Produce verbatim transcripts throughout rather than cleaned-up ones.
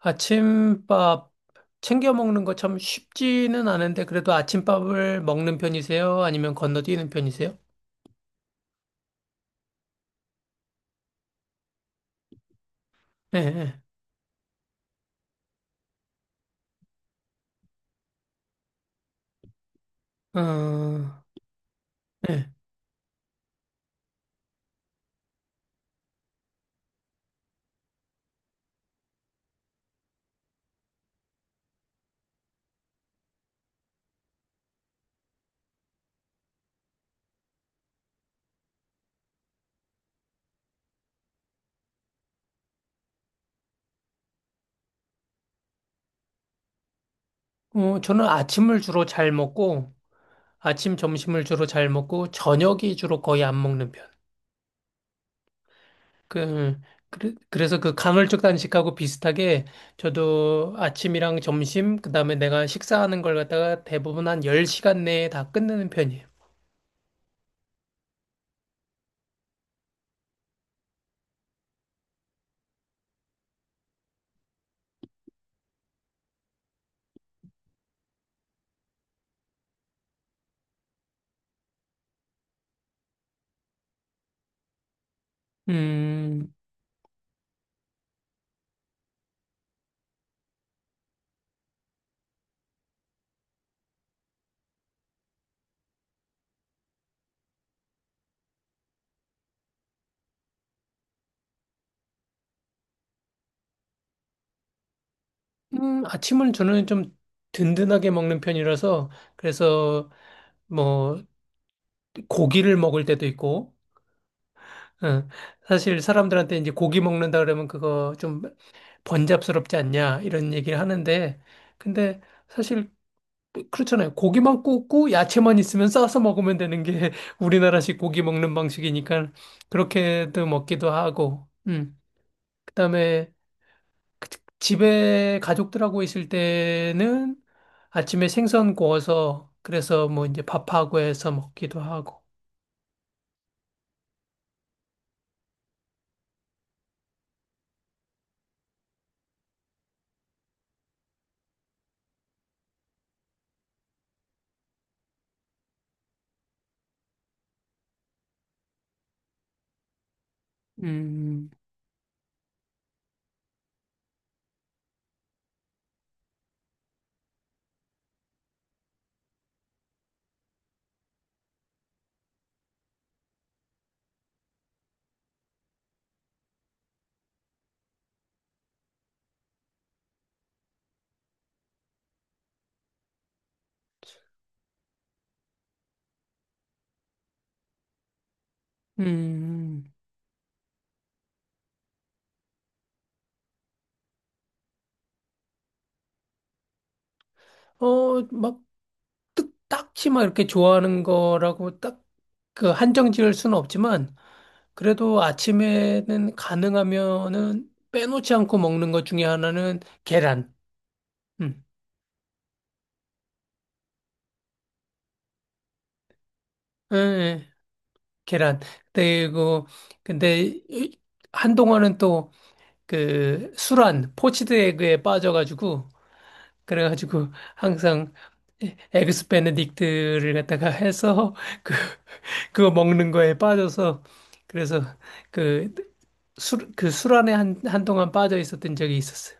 아침밥 챙겨 먹는 거 참 쉽지는 않은데 그래도 아침밥을 먹는 편이세요? 아니면 건너뛰는 편이세요? 네, 네. 어, 네. 어, 저는 아침을 주로 잘 먹고 아침 점심을 주로 잘 먹고 저녁이 주로 거의 안 먹는 편. 그 그래- 그래서 그 간헐적 단식하고 비슷하게 저도 아침이랑 점심 그다음에 내가 식사하는 걸 갖다가 대부분 한 열 시간 내에 다 끝내는 편이에요. 음. 음, 아침을 저는 좀 든든하게 먹는 편이라서 그래서 뭐 고기를 먹을 때도 있고 어, 사실 사람들한테 이제 고기 먹는다 그러면 그거 좀 번잡스럽지 않냐 이런 얘기를 하는데 근데 사실 그렇잖아요. 고기만 굽고 야채만 있으면 싸서 먹으면 되는 게 우리나라식 고기 먹는 방식이니까 그렇게도 먹기도 하고. 음. 그다음에 그- 집에 가족들하고 있을 때는 아침에 생선 구워서 그래서 뭐 이제 밥하고 해서 먹기도 하고. 음, 음, 어, 막 딱- 딱히 막 이렇게 좋아하는 거라고 딱 그 한정 지을 수는 없지만 그래도 아침에는 가능하면은 빼놓지 않고 먹는 것 중에 하나는 계란. 음. 예, 예. 계란. 그리고 근데 이- 한동안은 또 그 술안 포치드 에그에 빠져가지고 그래가지고 항상 에그스 베네딕트를 갖다가 해서 그 그거 먹는 거에 빠져서 그래서 그 술, 그 술안에 한, 한동안 빠져 있었던 적이 있었어요.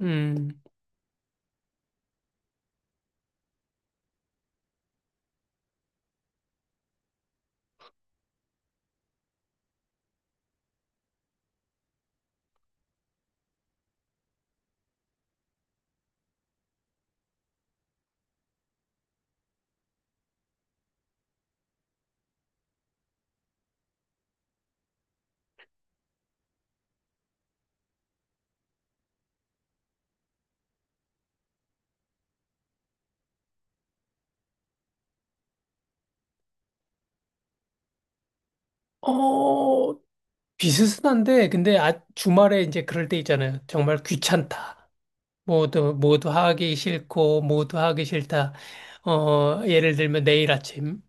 음, 어, 비슷한데, 근데 아, 주말에 이제 그럴 때 있잖아요. 정말 귀찮다. 모두, 모두 하기 싫고, 모두 하기 싫다. 어, 예를 들면 내일 아침.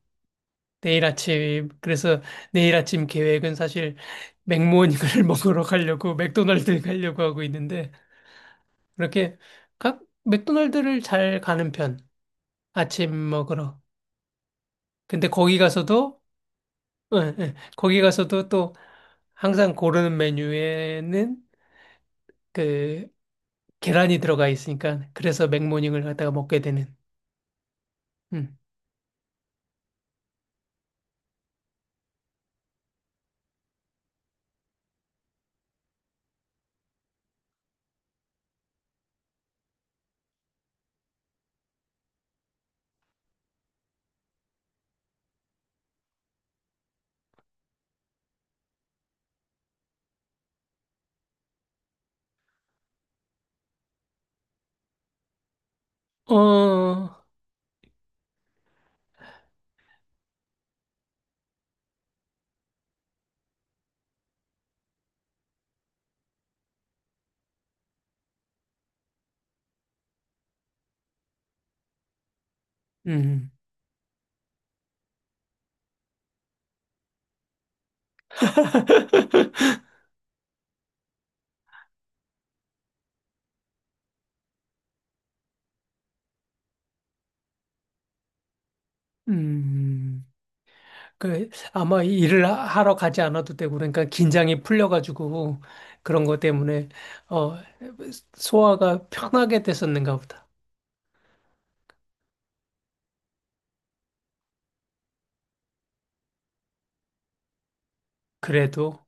내일 아침, 그래서 내일 아침 계획은 사실 맥모닝을 먹으러 가려고 맥도날드 가려고 하고 있는데, 그렇게 각 맥도날드를 잘 가는 편, 아침 먹으러. 근데 거기 가서도, 예, 예, 거기 가서도 또 항상 고르는 메뉴에는 그 계란이 들어가 있으니까, 그래서 맥모닝을 갖다가 먹게 되는. 음. 어, 음, 음. 그 아마 이 일을 하- 하러 가지 않아도 되고 그러니까 긴장이 풀려가지고 그런 것 때문에 어 소화가 편하게 됐었는가 보다. 그래도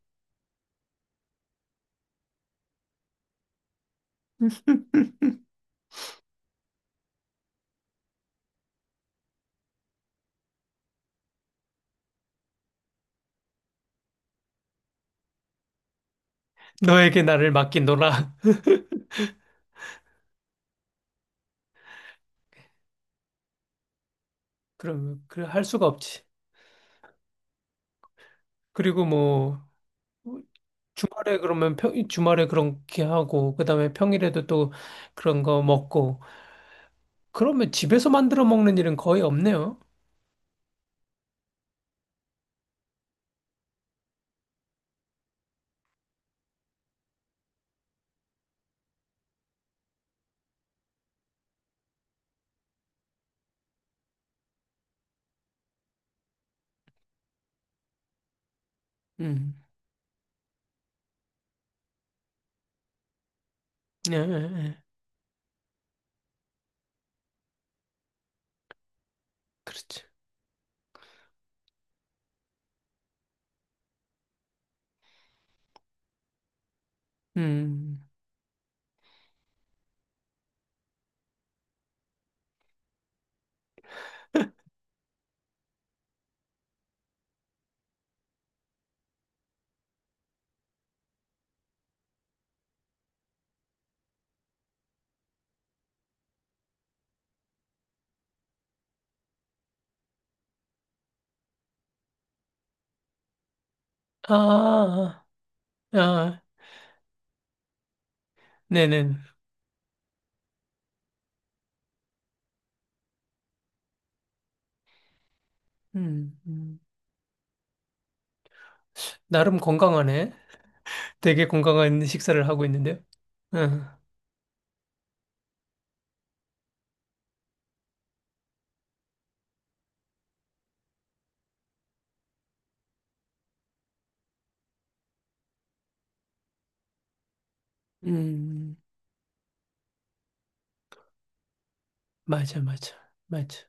너에게 나를 맡긴노라. 그러면 그할 수가 없지. 그리고 뭐 주말에 그러면 평, 주말에 그렇게 하고 그다음에 평일에도 또 그런 거 먹고 그러면 집에서 만들어 먹는 일은 거의 없네요. 음, 예, 예, 예. 그렇죠. 음, 아, 아, 아. 네네. 음, 음. 나름 건강하네. 되게 건강한 식사를 하고 있는데요. 응, 음, 맞아, 맞아, 맞아.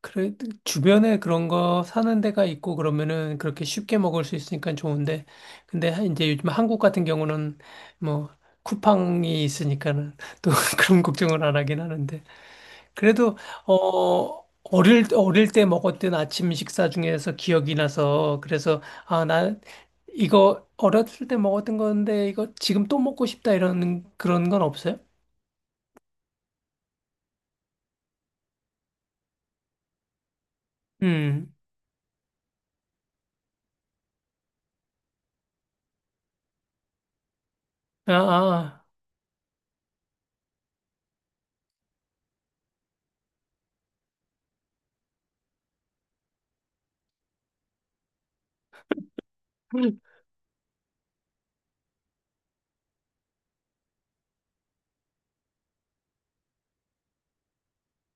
그래, 주변에 그런 거 사는 데가 있고 그러면은 그렇게 쉽게 먹을 수 있으니까 좋은데, 근데 하- 이제 요즘 한국 같은 경우는 뭐 쿠팡이 있으니까는 또 그런 걱정을 안 하긴 하는데. 그래도 어 어릴 어릴 때 먹었던 아침 식사 중에서 기억이 나서 그래서 아 나 이거 어렸을 때 먹었던 건데 이거 지금 또 먹고 싶다 이런 그런 건 없어요? 음. 아, 아.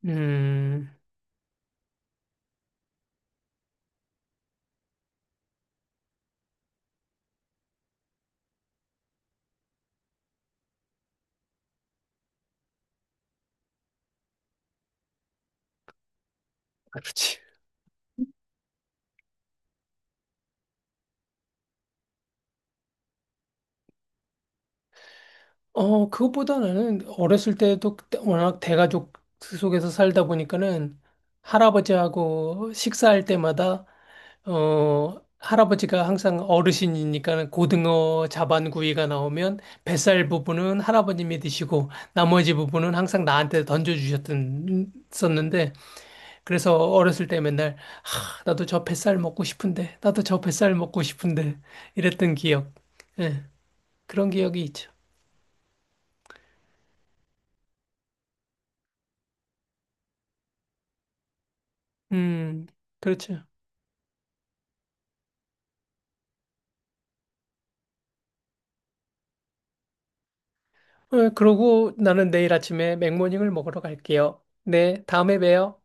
음. 그렇지. 어 그것보다 는 어렸을 때도 그때 워낙 대가족 속에서 살다 보니까는 할아버지하고 식사할 때마다 어, 할아버지가 항상 어르신이니까 고등어 자반구이가 나오면 뱃살 부분은 할아버님이 드시고 나머지 부분은 항상 나한테 던져주셨던 썼는데 그래서 어렸을 때 맨날 하, 나도 저 뱃살 먹고 싶은데 나도 저 뱃살 먹고 싶은데 이랬던 기억. 예, 그런 기억이 있죠. 음, 그렇죠. 어, 그러고 나는 내일 아침에 맥모닝을 먹으러 갈게요. 네, 다음에 봬요.